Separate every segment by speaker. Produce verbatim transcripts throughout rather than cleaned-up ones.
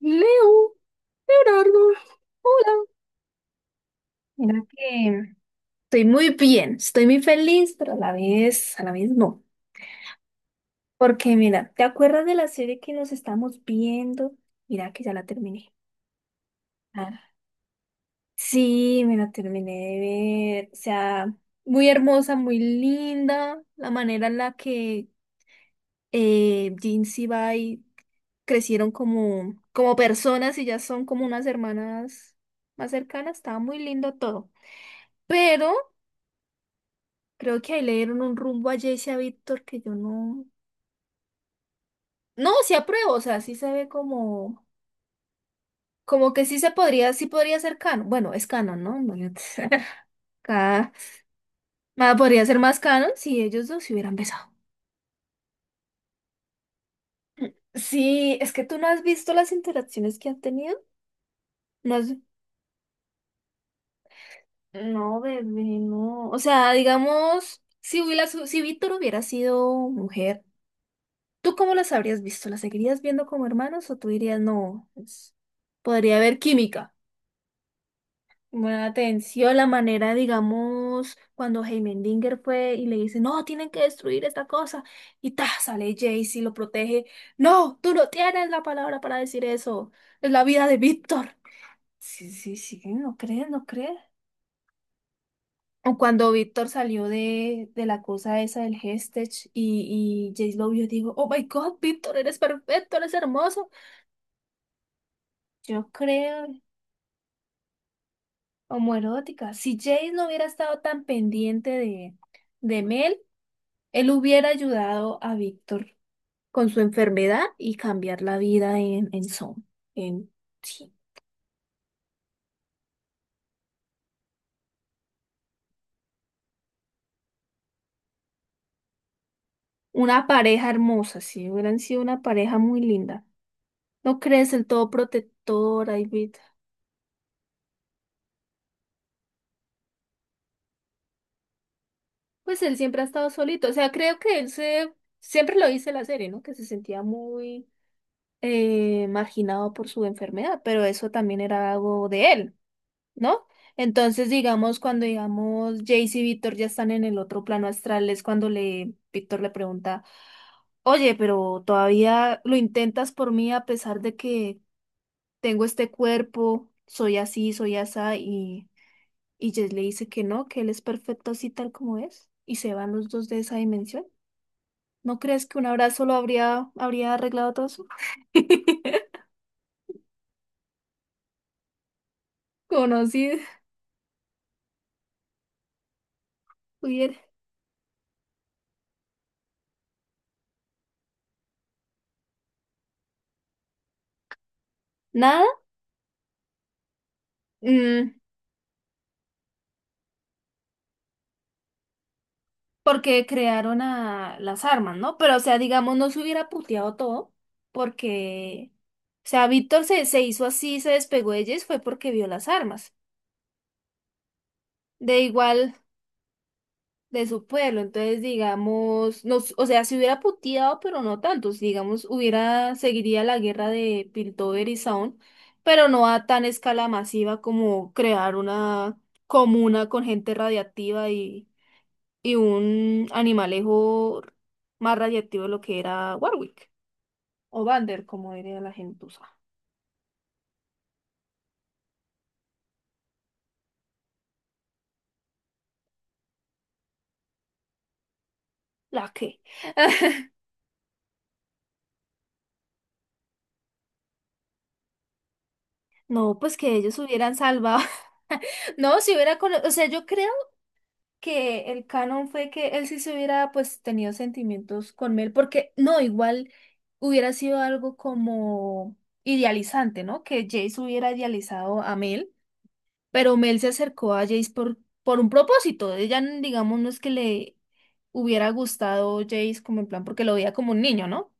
Speaker 1: Leo, Leonardo, hola. Mira que estoy muy bien, estoy muy feliz, pero a la vez, a la vez no. Porque mira, ¿te acuerdas de la serie que nos estamos viendo? Mira que ya la terminé. Ah, sí, me la terminé de ver. O sea, muy hermosa, muy linda. La manera en la que eh, Jin Sibai crecieron como, como personas y ya son como unas hermanas más cercanas. Estaba muy lindo todo. Pero Creo que ahí le dieron un rumbo a Jayce y a Víctor que yo no. No, sí apruebo, o sea, sí se ve como, como que sí se podría, sí podría ser canon. Bueno, es canon, ¿no? Imagínate. Cada- ma- podría ser más canon si ellos dos se hubieran besado. Sí, es que tú no has visto las interacciones que han tenido. No has- No, bebé, no. O sea, digamos, si hubiera, si Víctor hubiera sido mujer, ¿tú cómo las habrías visto? ¿Las seguirías viendo como hermanos o tú dirías, no, pues, podría haber química? Buena atención, la manera, digamos, cuando Heimendinger fue y le dice, no, tienen que destruir esta cosa. Y ta, sale Jace y lo protege. No, tú no tienes la palabra para decir eso. Es la vida de Víctor. Sí, sí, sí, no crees, no crees. O cuando Víctor salió de, de la cosa esa del Hestech y, y Jace lo vio, digo, oh my God, Víctor, eres perfecto, eres hermoso. Yo creo, homoerótica. Si Jace no hubiera estado tan pendiente de, de Mel, él hubiera ayudado a Víctor con su enfermedad y cambiar la vida en, en Son. En, sí. Una pareja hermosa, sí, hubieran sido una pareja muy linda. ¿No crees el todo protector, David? Pues él siempre ha estado solito. O sea, creo que él se... Siempre lo dice la serie, ¿no? Que se sentía muy eh, marginado por su enfermedad, pero eso también era algo de él. ¿No? Entonces, digamos, cuando digamos Jace y Víctor ya están en el otro plano astral, es cuando le Víctor le pregunta, oye, pero todavía lo intentas por mí a pesar de que tengo este cuerpo, soy así, soy asá, y, y Jace le dice que no, que él es perfecto así tal como es, y se van los dos de esa dimensión. ¿No crees que un abrazo lo habría, habría arreglado todo eso? Conocido, hubiera. Nada. Mm, Porque crearon a las armas, ¿no? Pero, o sea, digamos, no se hubiera puteado todo, porque, o sea, Víctor se, se hizo así, se despegó de ellas, fue porque vio las armas, de igual de su pueblo. Entonces, digamos, no, s- o sea, se hubiera puteado, pero no tanto. Si, Digamos, hubiera, seguiría la guerra de Piltover y Zaun, pero no a tan escala masiva como crear una comuna con gente radiactiva y y un animalejo más radiactivo de lo que era Warwick. O Vander, como diría la gentuza. ¿La qué? No, pues que ellos hubieran salvado. No, si hubiera cono- o sea, yo creo que el canon fue que él sí se hubiera pues tenido sentimientos con Mel, porque no, igual hubiera sido algo como idealizante, ¿no? Que Jace hubiera idealizado a Mel. Pero Mel se acercó a Jace por, por un propósito. Ella, digamos, no es que le hubiera gustado Jace como en plan, porque lo veía como un niño, ¿no?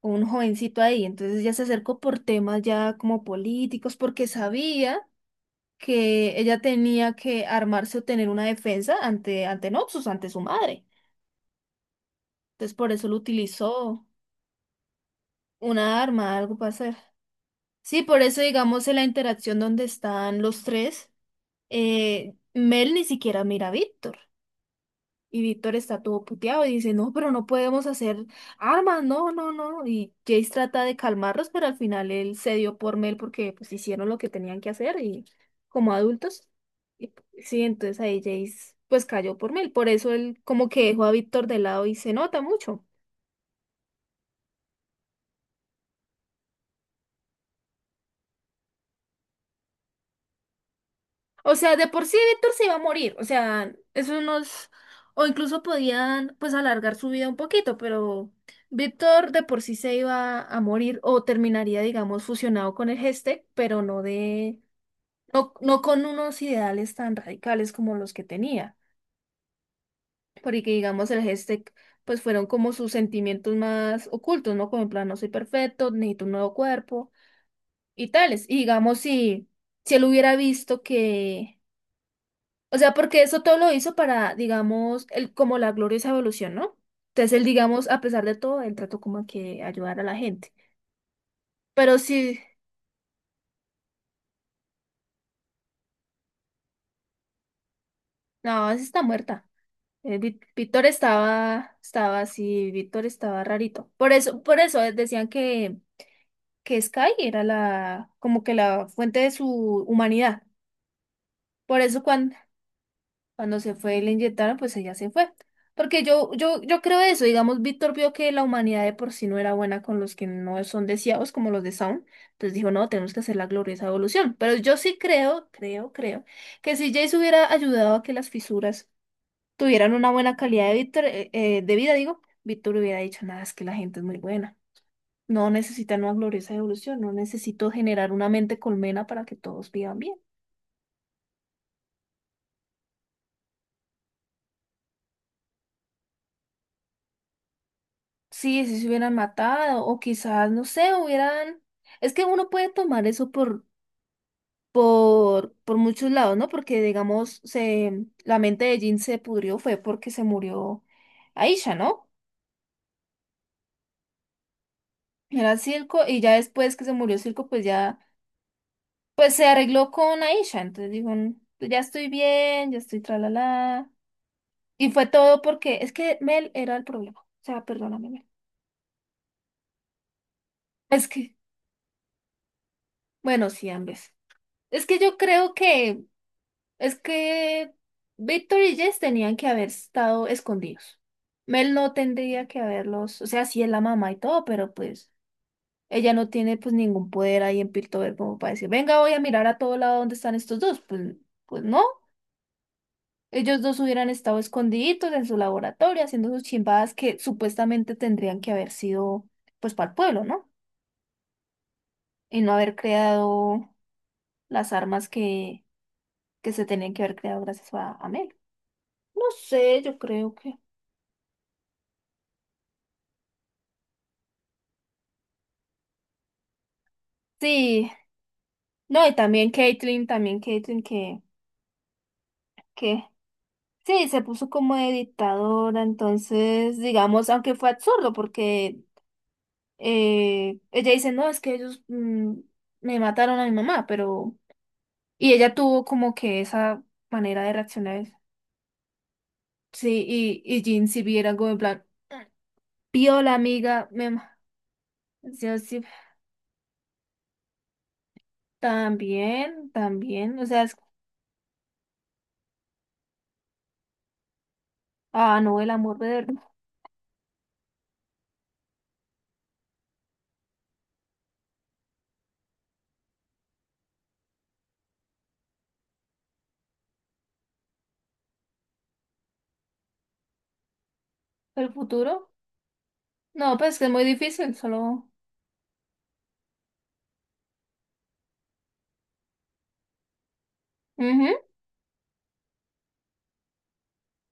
Speaker 1: Como un jovencito ahí. Entonces ella se acercó por temas ya como políticos, porque sabía que ella tenía que armarse o tener una defensa ante, ante Noxus, ante su madre. Entonces por eso lo utilizó una arma, algo para hacer. Sí, por eso, digamos, en la interacción donde están los tres, eh, Mel ni siquiera mira a Víctor. Y Víctor está todo puteado y dice, no, pero no podemos hacer armas, no, no, no. Y Jace trata de calmarlos, pero al final él cedió por Mel porque pues hicieron lo que tenían que hacer y como adultos. Y, sí, entonces ahí Jace pues cayó por Mel. Por eso él como que dejó a Víctor de lado y se nota mucho. O sea, de por sí Víctor se iba a morir. O sea, eso nos... O incluso podían, pues, alargar su vida un poquito, pero Víctor de por sí se iba a morir o terminaría, digamos, fusionado con el Gestec, pero no de... No, no con unos ideales tan radicales como los que tenía. Porque, digamos, el Gestec, pues, fueron como sus sentimientos más ocultos, ¿no? Como en plan, no soy perfecto, necesito un nuevo cuerpo y tales. Y, digamos, si, si él hubiera visto que... O sea, porque eso todo lo hizo para, digamos, el, como la gloriosa evolución, ¿no? Entonces él, digamos, a pesar de todo, él trató como que ayudar a la gente. Pero sí, no, esa está muerta. Eh, Vi- Víctor estaba, estaba así, Víctor estaba rarito. Por eso, por eso eh, decían que, que Sky era la, como que la fuente de su humanidad. Por eso cuando, Cuando se fue y le inyectaron, pues ella se fue. Porque yo, yo, yo creo eso, digamos, Víctor vio que la humanidad de por sí no era buena con los que no son deseados, como los de Sound, entonces dijo, no, tenemos que hacer la gloriosa evolución. Pero yo sí creo, creo, creo, que si Jace hubiera ayudado a que las fisuras tuvieran una buena calidad de Víctor, eh, eh, de vida, digo, Víctor hubiera dicho, nada, es que la gente es muy buena. No necesitan una gloriosa evolución, no necesito generar una mente colmena para que todos vivan bien. Sí, si se hubieran matado o quizás, no sé, hubieran... Es que uno puede tomar eso por, por, por muchos lados, ¿no? Porque, digamos, se, la mente de Jin se pudrió fue porque se murió Aisha, ¿no? Era Silco y ya después que se murió Silco, pues ya, pues se arregló con Aisha. Entonces dijo, "Mm, pues ya estoy bien, ya estoy tralala". Y fue todo porque es que Mel era el problema. O sea, perdóname, Mel. Es que, bueno, sí, ambas. Es que yo creo que... Es que Víctor y Jess tenían que haber estado escondidos. Mel no tendría que haberlos, o sea, sí es la mamá y todo, pero pues ella no tiene pues ningún poder ahí en Piltover como para decir, venga, voy a mirar a todo lado donde están estos dos. Pues, pues no, ellos dos hubieran estado escondiditos en su laboratorio haciendo sus chimbadas que supuestamente tendrían que haber sido pues para el pueblo, ¿no? Y no haber creado las armas que, que se tenían que haber creado gracias a, a Mel. No sé, yo creo que... Sí, No, y también Caitlyn, también Caitlyn que, que sí, se puso como de dictadora, entonces, digamos, aunque fue absurdo, porque eh, ella dice, no, es que ellos mm, me mataron a mi mamá, pero... Y ella tuvo como que esa manera de reaccionar, sí, y, y Jin si viera algo en plan, pío la amiga, me... ma-. Yo sí, también, también, o sea, es- ah, no, el amor de- del futuro, no, pues que es muy difícil, solo... Ujú.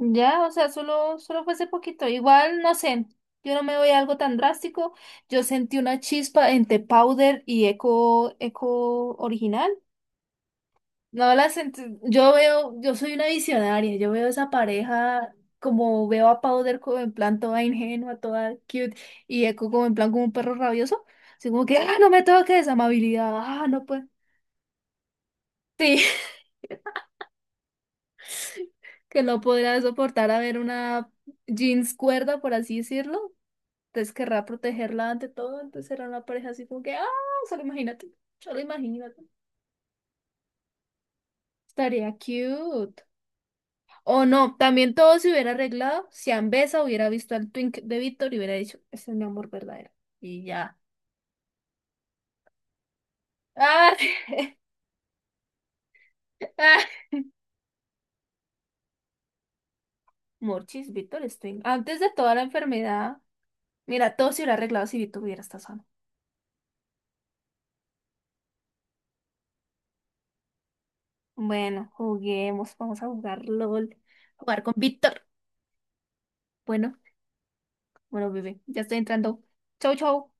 Speaker 1: Ya, o sea, solo, solo fue ese poquito. Igual, no sé, yo no me voy a algo tan drástico. Yo sentí una chispa entre powder y eco, eco original. No la sentí. Yo veo, yo soy una visionaria. Yo veo esa pareja como veo a powder como en plan toda ingenua, toda cute, y eco como en plan como un perro rabioso. Así como que, ah, no me toques, amabilidad. Ah, no pues. Sí, que no podría soportar a ver una jeans cuerda, por así decirlo. Entonces querrá protegerla ante todo, entonces era una pareja así como que, ah, solo imagínate, solo imagínate. Estaría cute. O no, también todo se hubiera arreglado si Ambesa hubiera visto al Twink de Víctor y hubiera dicho, ese es mi amor verdadero. Y ya. ¡Ah! ¡Ah! Morchis, Víctor es Twink. Antes de toda la enfermedad, mira, todo se hubiera arreglado si Víctor hubiera estado sano. Bueno, juguemos, vamos a jugar L O L, jugar con Víctor. Bueno, bueno, bebé, ya estoy entrando. Chau, chau.